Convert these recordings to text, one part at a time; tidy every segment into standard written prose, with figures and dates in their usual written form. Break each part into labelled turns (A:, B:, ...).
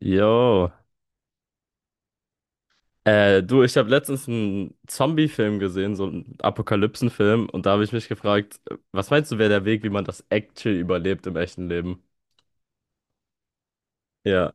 A: Jo. Du, ich habe letztens einen Zombie-Film gesehen, so einen Apokalypsen-Film, und da habe ich mich gefragt, was meinst du, wäre der Weg, wie man das actually überlebt im echten Leben? Ja.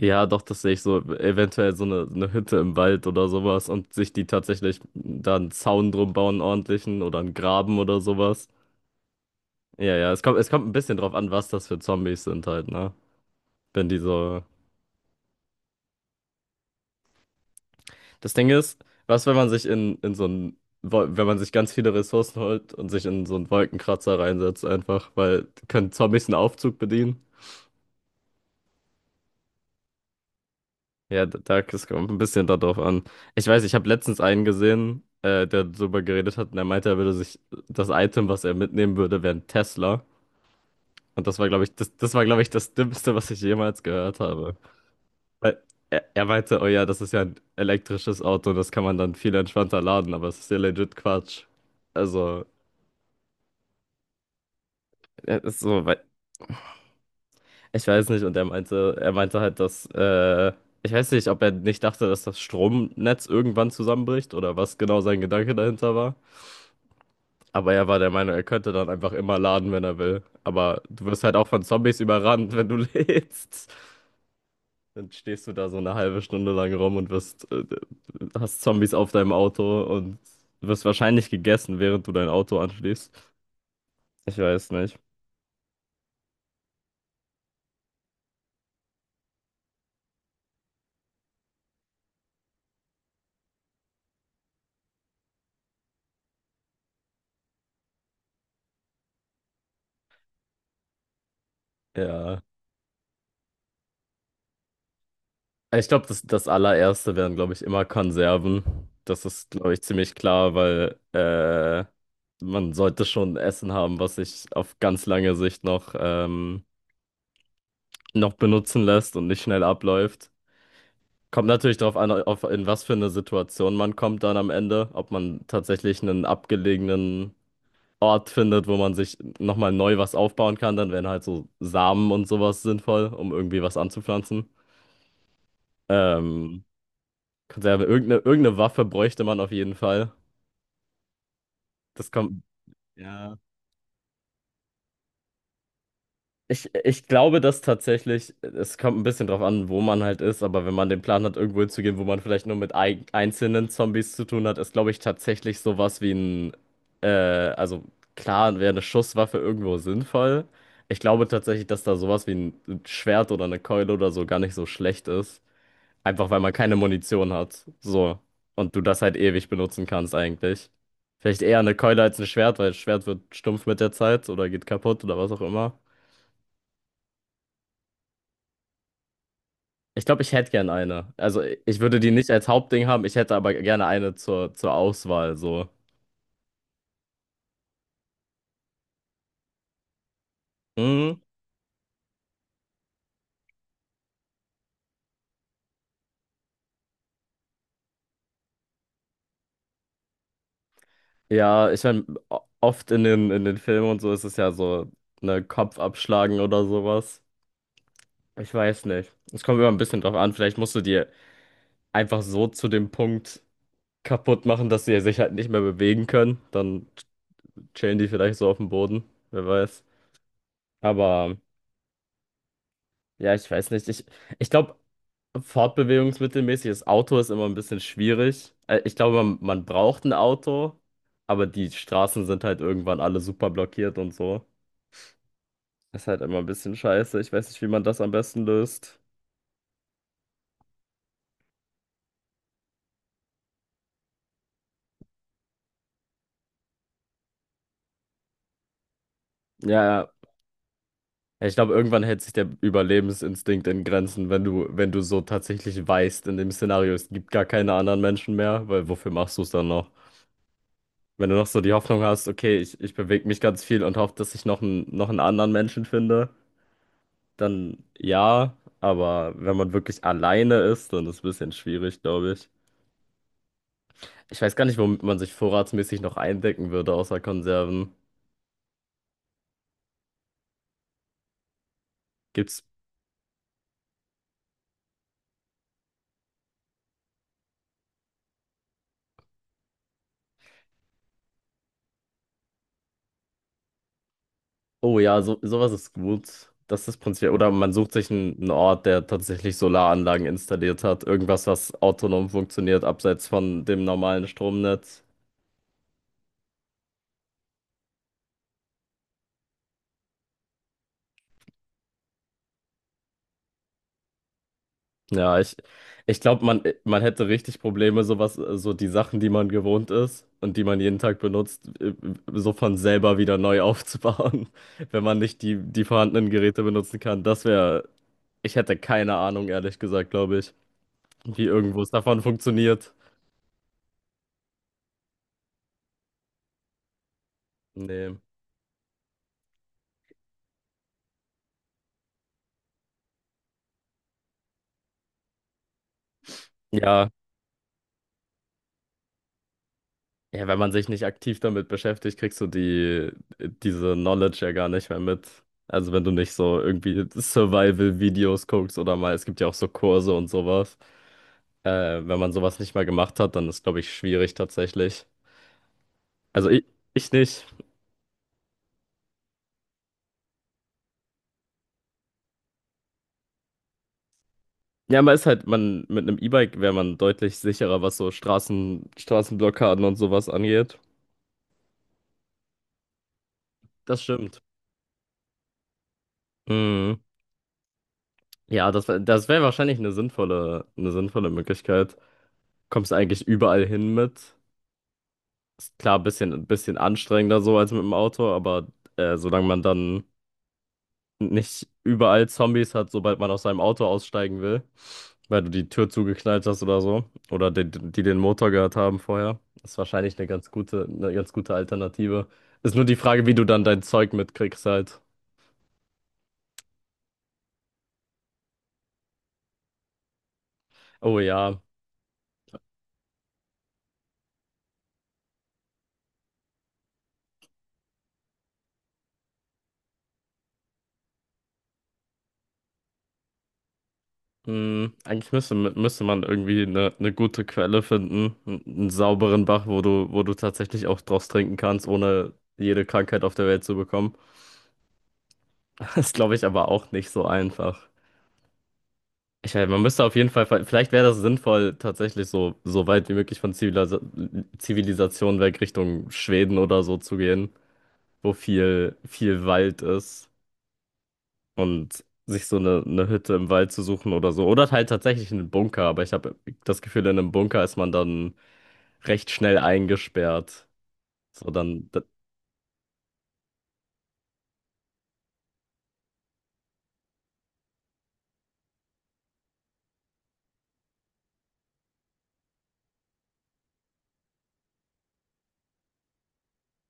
A: Ja, doch, das sehe ich so, eventuell so eine Hütte im Wald oder sowas und sich die tatsächlich da einen Zaun drum bauen, einen ordentlichen oder einen Graben oder sowas. Ja, ja, es kommt ein bisschen drauf an, was das für Zombies sind halt, ne? Wenn die so Das Ding ist, was, wenn man sich wenn man sich ganz viele Ressourcen holt und sich in so einen Wolkenkratzer reinsetzt, einfach, weil können Zombies einen Aufzug bedienen? Ja, es kommt ein bisschen darauf an. Ich weiß, ich habe letztens einen gesehen, der darüber geredet hat, und er meinte, er würde sich das Item, was er mitnehmen würde, wäre ein Tesla. Und das war, glaube ich, das war, glaube ich, das Dümmste, was ich jemals gehört habe. Weil er meinte, oh ja, das ist ja ein elektrisches Auto, das kann man dann viel entspannter laden, aber es ist ja legit Quatsch. Also. Ja, ist so, weil ich weiß nicht, und er meinte, halt, dass ich weiß nicht, ob er nicht dachte, dass das Stromnetz irgendwann zusammenbricht oder was genau sein Gedanke dahinter war. Aber er war der Meinung, er könnte dann einfach immer laden, wenn er will. Aber du wirst halt auch von Zombies überrannt, wenn du lädst. Dann stehst du da so eine halbe Stunde lang rum und hast Zombies auf deinem Auto und wirst wahrscheinlich gegessen, während du dein Auto anschließt. Ich weiß nicht. Ja. Ich glaube, das allererste wären, glaube ich, immer Konserven. Das ist, glaube ich, ziemlich klar, weil man sollte schon Essen haben, was sich auf ganz lange Sicht noch noch benutzen lässt und nicht schnell abläuft. Kommt natürlich darauf an, in was für eine Situation man kommt dann am Ende, ob man tatsächlich einen abgelegenen Ort findet, wo man sich nochmal neu was aufbauen kann, dann wären halt so Samen und sowas sinnvoll, um irgendwie was anzupflanzen. Ähm, Konserve, irgendeine Waffe bräuchte man auf jeden Fall. Das kommt. Ja. Ich glaube, dass tatsächlich, es kommt ein bisschen drauf an, wo man halt ist, aber wenn man den Plan hat, irgendwo hinzugehen, wo man vielleicht nur mit ei einzelnen Zombies zu tun hat, ist, glaube ich, tatsächlich sowas wie ein, äh, also klar, wäre eine Schusswaffe irgendwo sinnvoll. Ich glaube tatsächlich, dass da sowas wie ein Schwert oder eine Keule oder so gar nicht so schlecht ist. Einfach weil man keine Munition hat. So. Und du das halt ewig benutzen kannst eigentlich. Vielleicht eher eine Keule als ein Schwert, weil das Schwert wird stumpf mit der Zeit oder geht kaputt oder was auch immer. Ich glaube, ich hätte gern eine. Also ich würde die nicht als Hauptding haben, ich hätte aber gerne eine zur Auswahl. So. Mhm. Ja, ich meine, oft in den Filmen und so ist es ja so, ne, Kopf abschlagen oder sowas. Ich weiß nicht. Es kommt immer ein bisschen drauf an. Vielleicht musst du dir einfach so zu dem Punkt kaputt machen, dass sie sich halt nicht mehr bewegen können. Dann chillen die vielleicht so auf dem Boden, wer weiß. Aber ja, ich weiß nicht. Ich glaube, fortbewegungsmittelmäßig, das Auto ist immer ein bisschen schwierig. Ich glaube, man braucht ein Auto, aber die Straßen sind halt irgendwann alle super blockiert und so. Ist halt immer ein bisschen scheiße. Ich weiß nicht, wie man das am besten löst. Ja, ja, ja, ich glaube, irgendwann hält sich der Überlebensinstinkt in Grenzen, wenn du, wenn du so tatsächlich weißt, in dem Szenario, es gibt gar keine anderen Menschen mehr, weil wofür machst du es dann noch? Wenn du noch so die Hoffnung hast, okay, ich bewege mich ganz viel und hoffe, dass ich noch noch einen anderen Menschen finde, dann ja, aber wenn man wirklich alleine ist, dann ist es ein bisschen schwierig, glaube ich. Ich weiß gar nicht, womit man sich vorratsmäßig noch eindecken würde, außer Konserven. Gibt's oh ja, so, sowas ist gut. Das ist prinzipiell. Oder man sucht sich einen Ort, der tatsächlich Solaranlagen installiert hat. Irgendwas, was autonom funktioniert, abseits von dem normalen Stromnetz. Ja, ich glaube, man hätte richtig Probleme, so die Sachen, die man gewohnt ist und die man jeden Tag benutzt, so von selber wieder neu aufzubauen, wenn man nicht die vorhandenen Geräte benutzen kann. Das wäre, ich hätte keine Ahnung, ehrlich gesagt, glaube ich, wie irgendwo es davon funktioniert. Nee. Ja, ja, wenn man sich nicht aktiv damit beschäftigt, kriegst du diese Knowledge ja gar nicht mehr mit. Also wenn du nicht so irgendwie Survival-Videos guckst oder mal, es gibt ja auch so Kurse und sowas. Wenn man sowas nicht mal gemacht hat, dann ist, glaube ich, schwierig tatsächlich. Also ich nicht. Ja, man ist halt, man, mit einem E-Bike wäre man deutlich sicherer, was so Straßenblockaden und sowas angeht. Das stimmt. Mhm. Ja, das, das wäre wahrscheinlich eine eine sinnvolle Möglichkeit, kommst eigentlich überall hin mit. Ist klar, ein bisschen anstrengender so als mit dem Auto, aber solange man dann nicht überall Zombies hat, sobald man aus seinem Auto aussteigen will, weil du die Tür zugeknallt hast oder so, oder die den Motor gehört haben vorher, ist wahrscheinlich eine eine ganz gute Alternative. Ist nur die Frage, wie du dann dein Zeug mitkriegst halt. Oh ja, hm, eigentlich müsste man irgendwie eine gute Quelle finden, einen sauberen Bach, wo du tatsächlich auch draus trinken kannst, ohne jede Krankheit auf der Welt zu bekommen. Das glaube ich aber auch nicht so einfach. Ich meine, man müsste auf jeden Fall, vielleicht wäre das sinnvoll, tatsächlich so, so weit wie möglich von Zivilisation weg Richtung Schweden oder so zu gehen, wo viel Wald ist und sich so eine Hütte im Wald zu suchen oder so. Oder halt tatsächlich einen Bunker, aber ich habe das Gefühl, in einem Bunker ist man dann recht schnell eingesperrt. So, dann,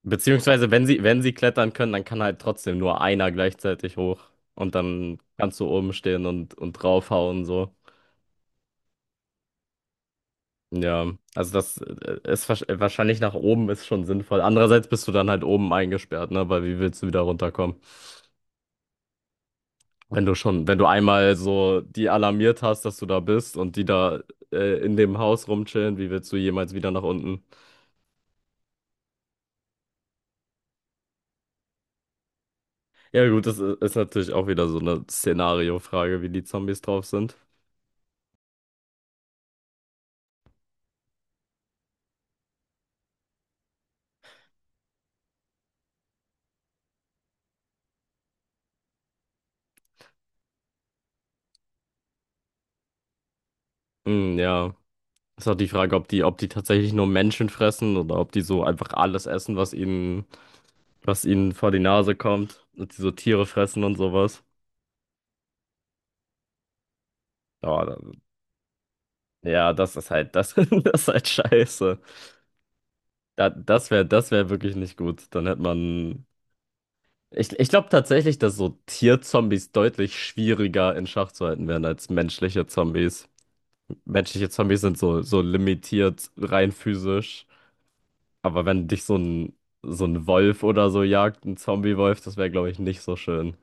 A: beziehungsweise, wenn sie, wenn sie klettern können, dann kann halt trotzdem nur einer gleichzeitig hoch. Und dann kannst du oben stehen und draufhauen, so. Ja, also das ist wahrscheinlich nach oben ist schon sinnvoll. Andererseits bist du dann halt oben eingesperrt, ne? Weil wie willst du wieder runterkommen? Wenn du schon, wenn du einmal so die alarmiert hast, dass du da bist und die da in dem Haus rumchillen, wie willst du jemals wieder nach unten? Ja, gut, das ist natürlich auch wieder so eine Szenariofrage, wie die Zombies drauf sind. Hm, ja. Ist auch die Frage, ob ob die tatsächlich nur Menschen fressen oder ob die so einfach alles essen, was was ihnen vor die Nase kommt. Und die so Tiere fressen und sowas. Ja, ja, das ist halt, das, das ist halt scheiße. Da, das das wäre wirklich nicht gut. Dann hätte man. Ich glaube tatsächlich, dass so Tierzombies deutlich schwieriger in Schach zu halten wären als menschliche Zombies. Menschliche Zombies sind so, so limitiert rein physisch. Aber wenn dich so ein Wolf oder so jagt, ein Zombie-Wolf, das wäre, glaube ich, nicht so schön.